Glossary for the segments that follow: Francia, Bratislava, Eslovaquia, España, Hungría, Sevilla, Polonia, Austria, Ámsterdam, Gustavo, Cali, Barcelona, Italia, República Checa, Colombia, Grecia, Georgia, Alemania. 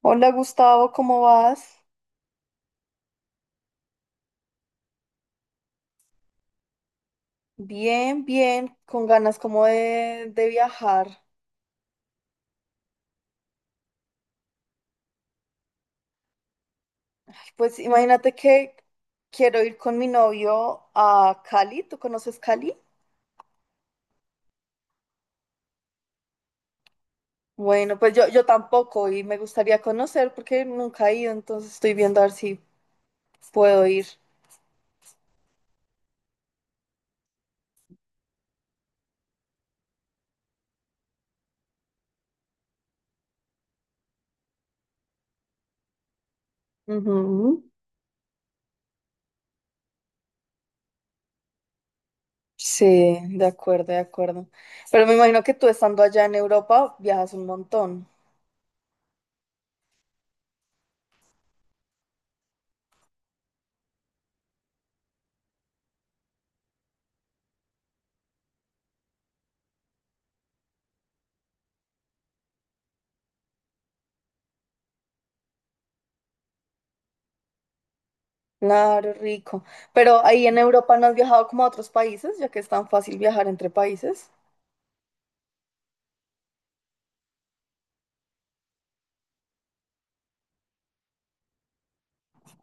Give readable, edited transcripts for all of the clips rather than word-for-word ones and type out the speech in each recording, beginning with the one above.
Hola Gustavo, ¿cómo vas? Bien, bien, con ganas como de viajar. Ay, pues imagínate que quiero ir con mi novio a Cali. ¿Tú conoces Cali? Bueno, pues yo tampoco y me gustaría conocer porque nunca he ido, entonces estoy viendo a ver si puedo ir. Ujú. Sí, de acuerdo, de acuerdo. Pero me imagino que tú estando allá en Europa viajas un montón. Claro, rico. Pero ahí en Europa no has viajado como a otros países, ya que es tan fácil viajar entre países.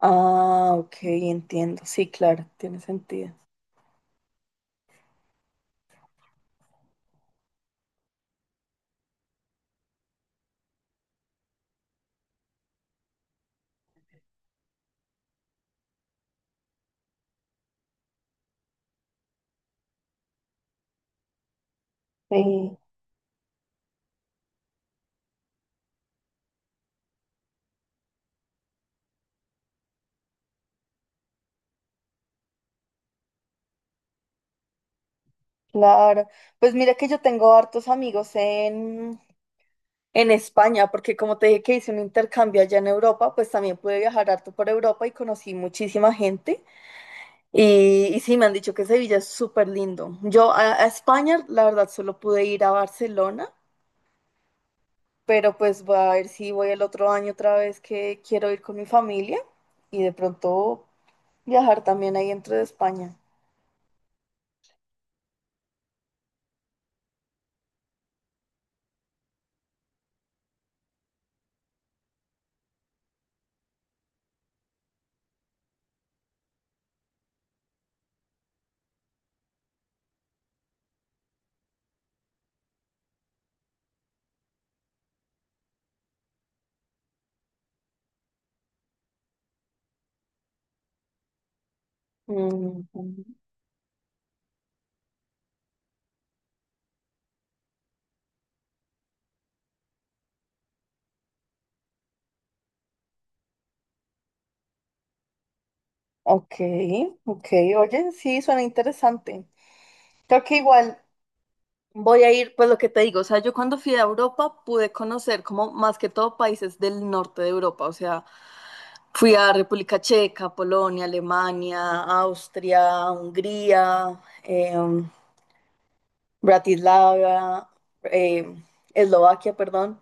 Ah, ok, entiendo. Sí, claro, tiene sentido. Sí, claro. Pues mira que yo tengo hartos amigos en España, porque como te dije que hice un intercambio allá en Europa, pues también pude viajar harto por Europa y conocí muchísima gente. Y sí, me han dicho que Sevilla es súper lindo. Yo a España, la verdad, solo pude ir a Barcelona. Pero pues voy a ver si voy el otro año otra vez que quiero ir con mi familia y de pronto viajar también ahí dentro de España. Mm, ok, ok, oye, sí, suena interesante. Creo que igual voy a ir, pues lo que te digo, o sea, yo cuando fui a Europa pude conocer como más que todo países del norte de Europa, o sea, fui a República Checa, Polonia, Alemania, Austria, Hungría, Bratislava, eh, Eslovaquia, perdón.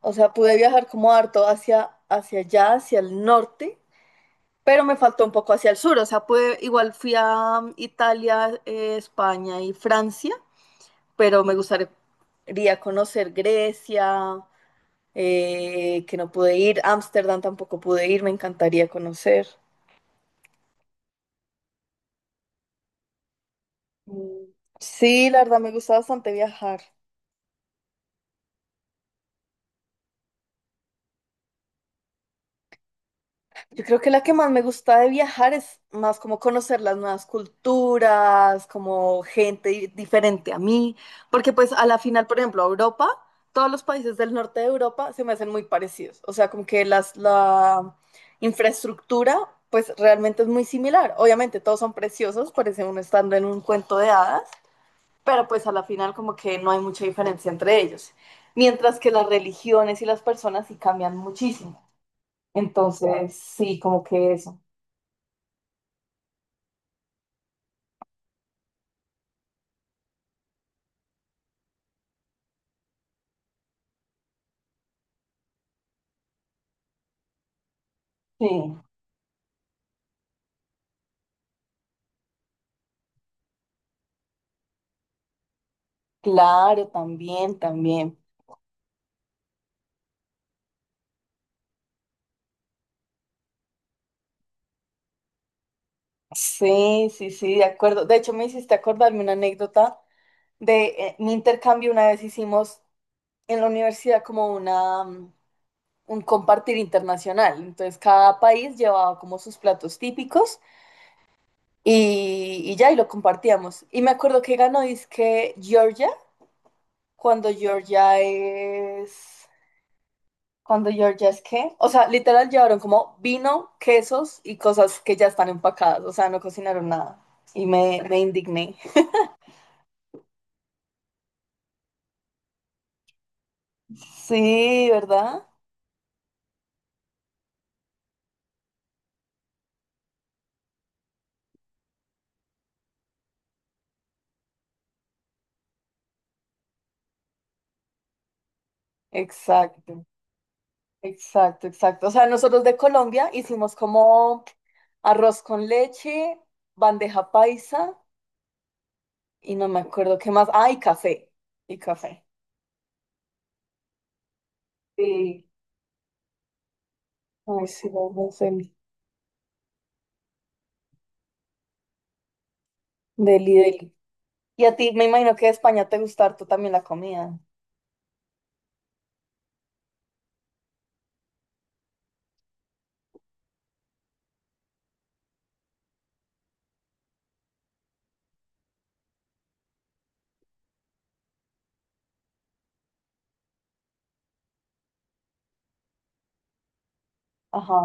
O sea, pude viajar como harto hacia allá, hacia el norte, pero me faltó un poco hacia el sur. O sea, pude, igual fui a Italia, España y Francia, pero me gustaría conocer Grecia, que no pude ir, Ámsterdam tampoco pude ir, me encantaría conocer. Mm. Sí, la verdad me gusta bastante viajar. Yo creo que la que más me gusta de viajar es más como conocer las nuevas culturas, como gente diferente a mí, porque pues a la final, por ejemplo, Europa, todos los países del norte de Europa se me hacen muy parecidos, o sea, como que la infraestructura pues realmente es muy similar. Obviamente todos son preciosos, parece uno estando en un cuento de hadas, pero pues a la final como que no hay mucha diferencia entre ellos, mientras que las religiones y las personas sí cambian muchísimo. Entonces, sí, como que eso. Sí, claro, también, también. Sí, sí, sí, de acuerdo. De hecho, me hiciste acordarme una anécdota de mi intercambio. Una vez hicimos en la universidad como una, un compartir internacional. Entonces, cada país llevaba como sus platos típicos y ya, y lo compartíamos. Y me acuerdo que ganó, que Georgia, cuando Georgia es... Cuando Georgia's, ¿qué? O sea, literal llevaron como vino, quesos y cosas que ya están empacadas. O sea, no cocinaron nada. Y me indigné. Sí, ¿verdad? Exacto, exacto, exacto. O sea, nosotros de Colombia hicimos como arroz con leche, bandeja paisa y no me acuerdo qué más. Ah, y café. Y café. Sí. Ay, sí, vamos, deli, deli, deli. Y a ti, me imagino que de España te gusta harto también la comida. Ajá.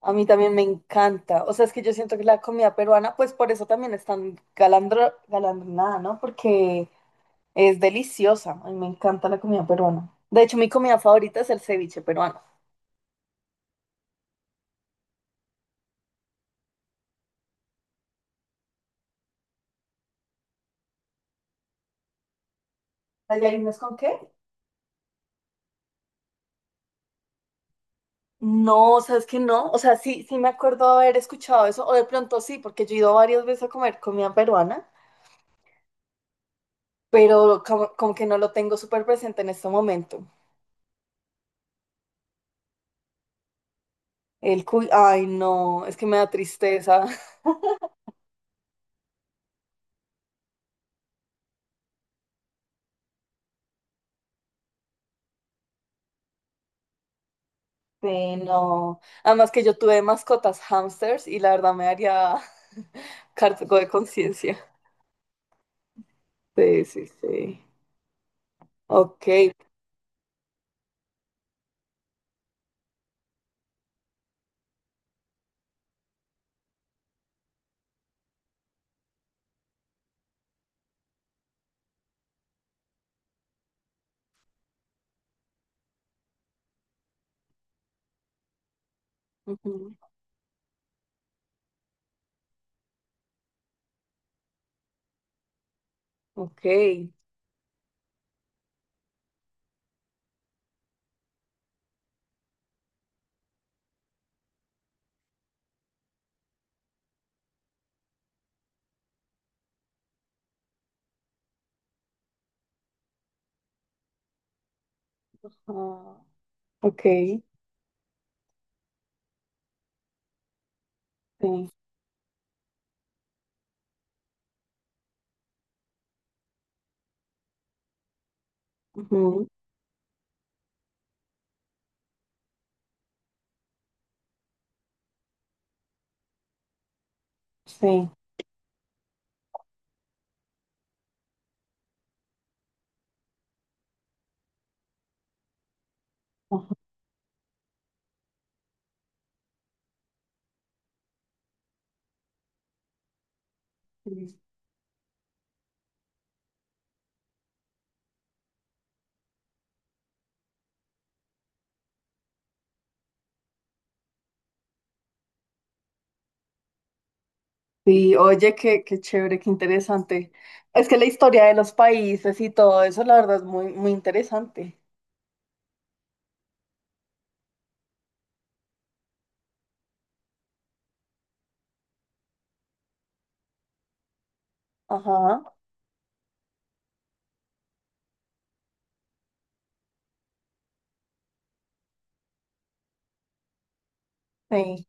A mí también me encanta. O sea, es que yo siento que la comida peruana, pues por eso también es tan galardonada, ¿no? Porque es deliciosa. A mí me encanta la comida peruana. De hecho, mi comida favorita es el ceviche peruano. ¿Tallarines con qué? No, ¿sabes que no? O sea, sí, sí me acuerdo haber escuchado eso, o de pronto sí, porque yo he ido varias veces a comer comida peruana, pero como que no lo tengo súper presente en este momento. El cuy, ay, no, es que me da tristeza. Sí, no. Además que yo tuve mascotas hamsters y la verdad me haría cargo de conciencia. Sí, sí, sí. Ok. Ujú. Ok. Ah, ok. Sí. Ujú. Sí. Ajá. Sí, sí, oye, qué, qué chévere, qué interesante. Es que la historia de los países y todo eso, la verdad, es muy, muy interesante. Ajá, sí,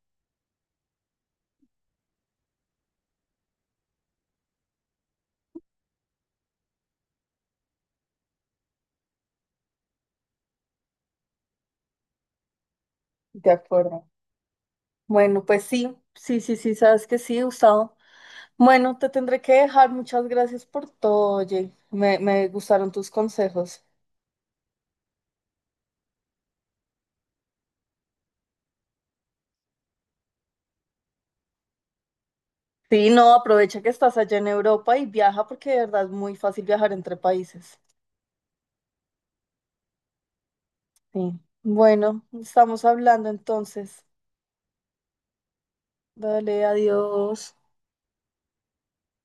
de acuerdo. Bueno, pues sí, sí, sí, sí, sabes que sí, Gustavo. Bueno, te tendré que dejar. Muchas gracias por todo, oye. Me gustaron tus consejos. Sí, no, aprovecha que estás allá en Europa y viaja porque de verdad es muy fácil viajar entre países. Sí. Bueno, estamos hablando entonces. Dale, adiós.